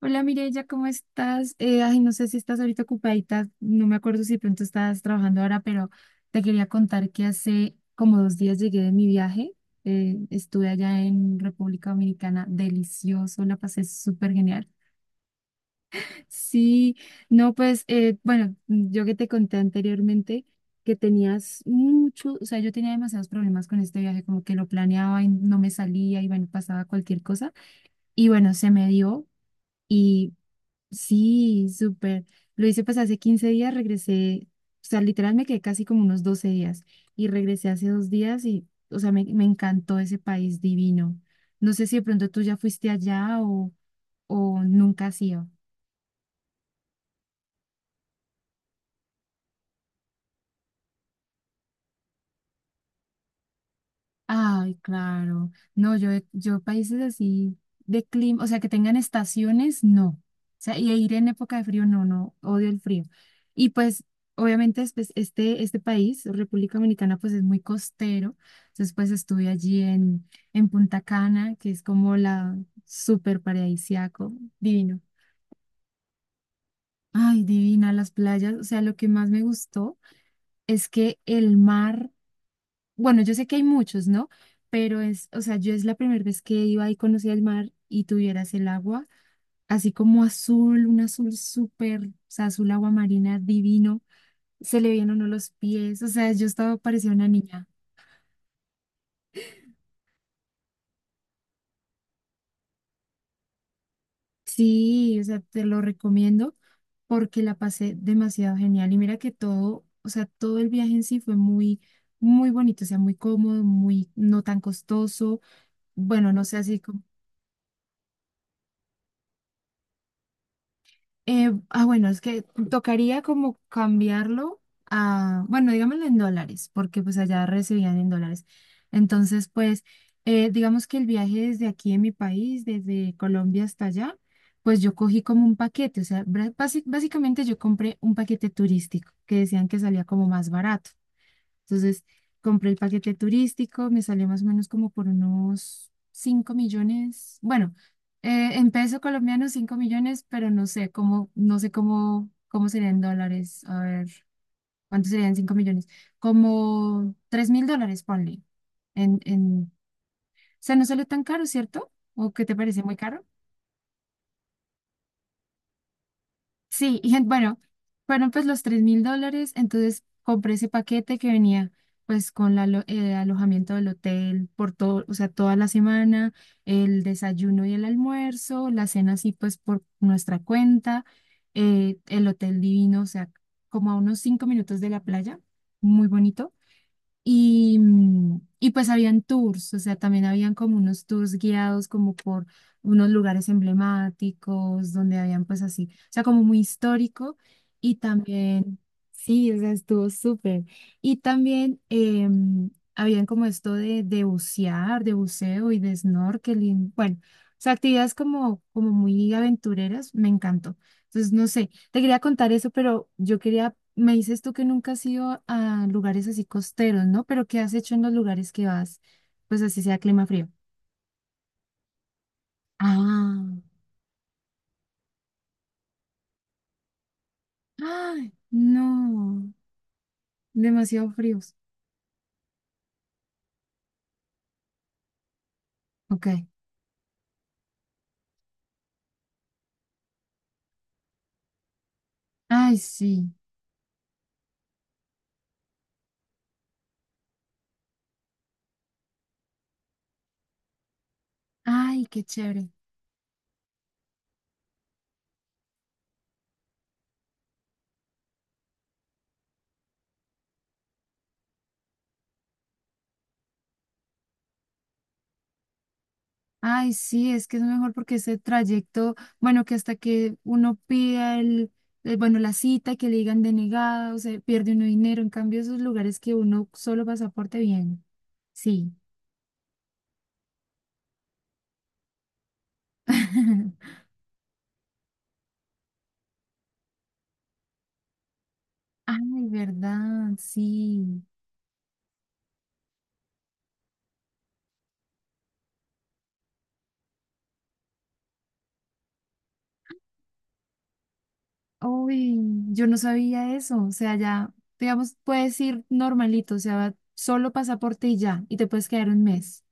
Hola Mireya, ¿cómo estás? No sé si estás ahorita ocupadita, no me acuerdo si de pronto estás trabajando ahora, pero te quería contar que hace como 2 días llegué de mi viaje. Estuve allá en República Dominicana, delicioso, la pasé súper genial. Sí, no, pues, bueno, yo que te conté anteriormente que tenías mucho, o sea, yo tenía demasiados problemas con este viaje, como que lo planeaba y no me salía y bueno, pasaba cualquier cosa. Y bueno, se me dio. Y sí, súper. Lo hice pues hace 15 días, regresé, o sea, literal me quedé casi como unos 12 días y regresé hace 2 días y, o sea, me encantó ese país divino. No sé si de pronto tú ya fuiste allá o nunca has ido. Ay, claro. No, yo, yo países así de clima, o sea, que tengan estaciones, no. O sea, y ir en época de frío, no, no, odio el frío. Y pues, obviamente, pues, este país, República Dominicana, pues es muy costero. Entonces, pues estuve allí en, Punta Cana, que es como la súper paradisiaco, divino. Ay, divina las playas. O sea, lo que más me gustó es que el mar. Bueno, yo sé que hay muchos, ¿no? Pero es, o sea, yo es la primera vez que iba y conocía el mar y tuvieras el agua, así como azul, un azul súper, o sea, azul agua marina divino, se le veían a uno los pies, o sea, yo estaba parecía una niña. Sí, o sea, te lo recomiendo porque la pasé demasiado genial y mira que todo, o sea, todo el viaje en sí fue muy, muy bonito, o sea, muy cómodo, muy, no tan costoso, bueno, no sé, así como... bueno, es que tocaría como cambiarlo a, bueno, digámoslo en dólares, porque pues allá recibían en dólares. Entonces, pues, digamos que el viaje desde aquí en mi país, desde Colombia hasta allá, pues yo cogí como un paquete, o sea, básicamente yo compré un paquete turístico que decían que salía como más barato. Entonces, compré el paquete turístico, me salió más o menos como por unos 5 millones, bueno, en peso colombiano 5 millones, pero no sé cómo, cómo serían dólares, a ver, ¿cuánto serían 5 millones? Como $3.000, ponle. En, en, o sea, no salió tan caro, ¿cierto? ¿O qué te parece muy caro? Sí, y bueno, fueron pues los $3.000, entonces compré ese paquete que venía pues con la el alojamiento del hotel por todo, o sea, toda la semana, el desayuno y el almuerzo, la cena así pues por nuestra cuenta, el hotel divino, o sea, como a unos 5 minutos de la playa, muy bonito. Y pues habían tours, o sea, también habían como unos tours guiados como por unos lugares emblemáticos, donde habían pues así, o sea, como muy histórico. Y también, sí, o sea, estuvo súper. Y también habían como esto de, bucear, de buceo y de snorkeling. Bueno, o sea, actividades como muy aventureras, me encantó. Entonces, no sé. Te quería contar eso, pero yo quería, me dices tú que nunca has ido a lugares así costeros, ¿no? Pero ¿qué has hecho en los lugares que vas? Pues así sea clima frío. Ah, ay, no, demasiado fríos. Ok. Ay, sí. Ay, qué chévere. Ay, sí, es que es mejor porque ese trayecto, bueno, que hasta que uno pida el, bueno, la cita, y que le digan denegada, o sea, pierde uno dinero. En cambio, esos lugares que uno solo pasaporte bien. Sí. Ay, verdad, sí. Uy, yo no sabía eso. O sea, ya, digamos, puedes ir normalito, o sea, solo pasaporte y ya, y te puedes quedar un mes.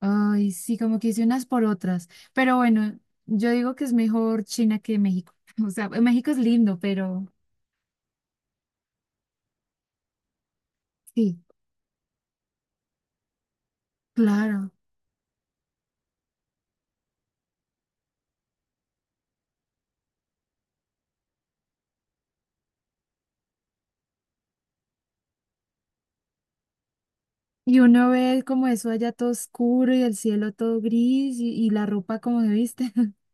Ay, sí, como que hice unas por otras. Pero bueno, yo digo que es mejor China que México. O sea, México es lindo, pero sí, claro. Y uno ve como eso allá todo oscuro y el cielo todo gris y, la ropa como se viste.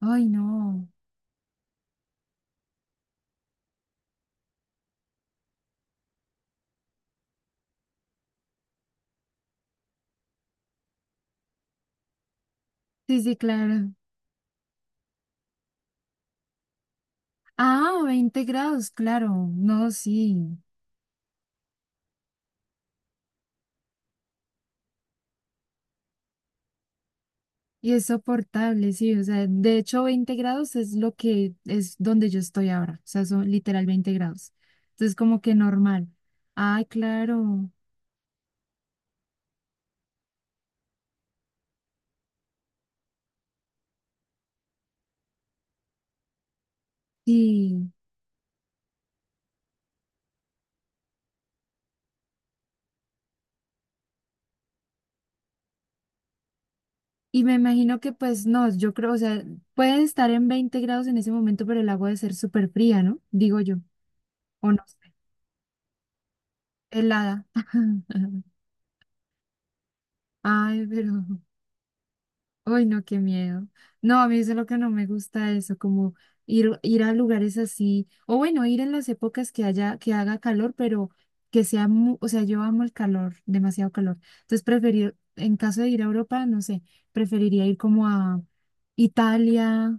Ay, no. Sí, sí, claro. Ah, 20 grados, claro. No, sí. Y es soportable, sí. O sea, de hecho, 20 grados es lo que es donde yo estoy ahora. O sea, son literal 20 grados. Entonces, como que normal. Ay, claro. Sí. Y me imagino que, pues, no, yo creo, o sea, puede estar en 20 grados en ese momento, pero el agua debe ser súper fría, ¿no? Digo yo. O no sé. Helada. Ay, pero. Ay, no, qué miedo. No, a mí eso es lo que no me gusta eso, como ir, ir a lugares así, o bueno, ir en las épocas que haya, que haga calor, pero que sea, o sea, yo amo el calor, demasiado calor. Entonces, preferir, en caso de ir a Europa, no sé, preferiría ir como a Italia,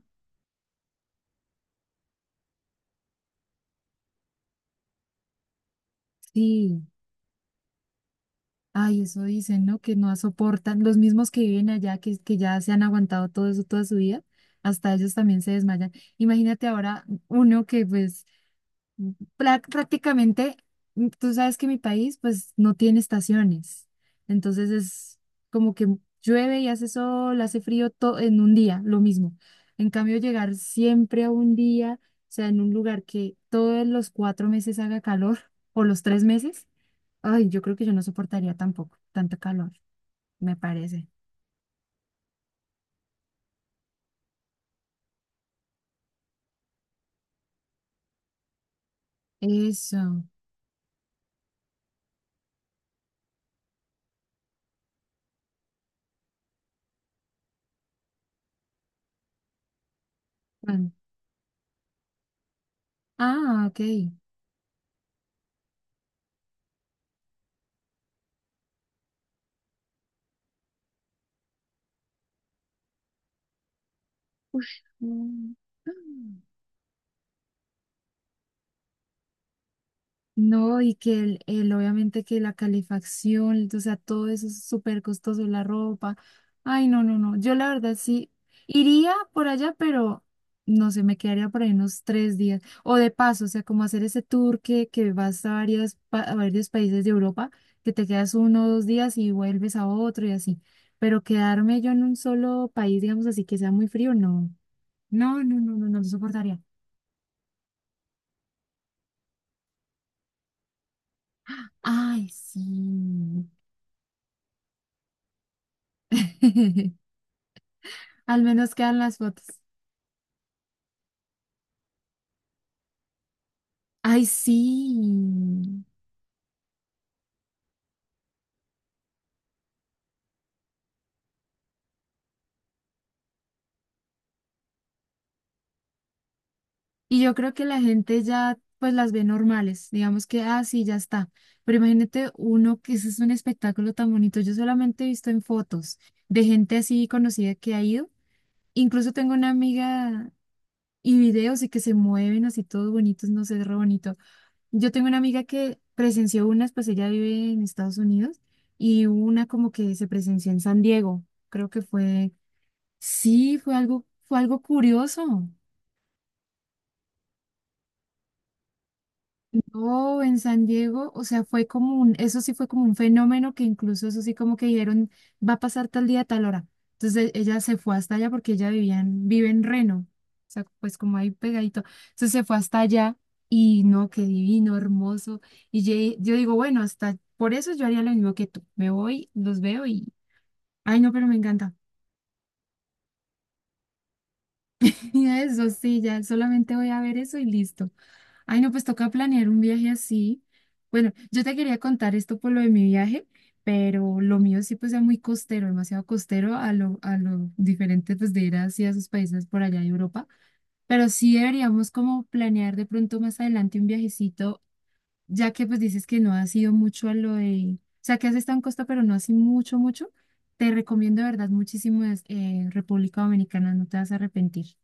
sí. Ay, eso dicen, ¿no? Que no soportan, los mismos que viven allá, que ya se han aguantado todo eso toda su vida, hasta ellos también se desmayan. Imagínate ahora uno que pues prácticamente, tú sabes que mi país pues no tiene estaciones, entonces es como que llueve y hace sol, hace frío todo en un día, lo mismo. En cambio, llegar siempre a un día, o sea, en un lugar que todos los 4 meses haga calor o los 3 meses, ay, yo creo que yo no soportaría tampoco tanto calor, me parece. Eso. Bueno. Ah, ok. Ush, mm. No, y que el, obviamente que la calefacción, o sea, todo eso es súper costoso, la ropa. Ay, no, no, no. Yo la verdad sí iría por allá, pero no sé, me quedaría por ahí unos 3 días. O de paso, o sea, como hacer ese tour que vas a, varias, a varios países de Europa, que te quedas uno o dos días y vuelves a otro y así. Pero quedarme yo en un solo país, digamos así, que sea muy frío, no. No, no, no, no, no lo soportaría. Ay, sí. Al menos quedan las fotos. Ay, sí. Y yo creo que la gente ya pues las ve normales, digamos que, ah, sí, ya está. Pero imagínate uno que ese es un espectáculo tan bonito. Yo solamente he visto en fotos de gente así conocida que ha ido. Incluso tengo una amiga y videos y que se mueven así todos bonitos, no sé, es re bonito. Yo tengo una amiga que presenció unas, pues ella vive en Estados Unidos y una como que se presenció en San Diego, creo que fue. Sí, fue algo curioso. No, en San Diego, o sea, fue como un, eso sí fue como un fenómeno que incluso eso sí como que dijeron, va a pasar tal día, tal hora. Entonces ella se fue hasta allá porque ella vivía en, vive en Reno, o sea, pues como ahí pegadito. Entonces se fue hasta allá y no, qué divino, hermoso. Y yo, digo, bueno, hasta por eso yo haría lo mismo que tú. Me voy, los veo y, ay, no, pero me encanta. Y eso sí, ya solamente voy a ver eso y listo. Ay, no, pues toca planear un viaje así. Bueno, yo te quería contar esto por lo de mi viaje, pero lo mío sí pues era muy costero, demasiado costero a lo diferente pues de ir hacia esos países por allá de Europa. Pero sí deberíamos como planear de pronto más adelante un viajecito, ya que pues dices que no has ido mucho a lo de, o sea, que has estado en Costa, pero no así mucho, mucho. Te recomiendo de verdad muchísimo República Dominicana, no te vas a arrepentir.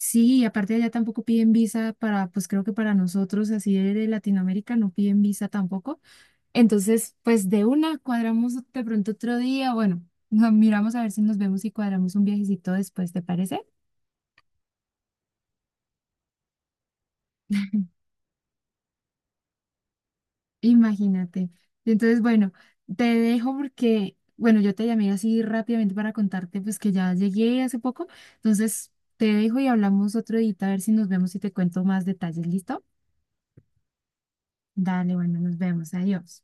Sí, y aparte allá tampoco piden visa para, pues creo que para nosotros así de Latinoamérica no piden visa tampoco. Entonces, pues de una cuadramos de pronto otro día, bueno, nos miramos a ver si nos vemos y cuadramos un viajecito después, ¿te parece? Imagínate. Entonces, bueno, te dejo porque, bueno, yo te llamé así rápidamente para contarte pues que ya llegué hace poco. Entonces, te dejo y hablamos otro día a ver si nos vemos y te cuento más detalles, ¿listo? Dale, bueno, nos vemos. Adiós.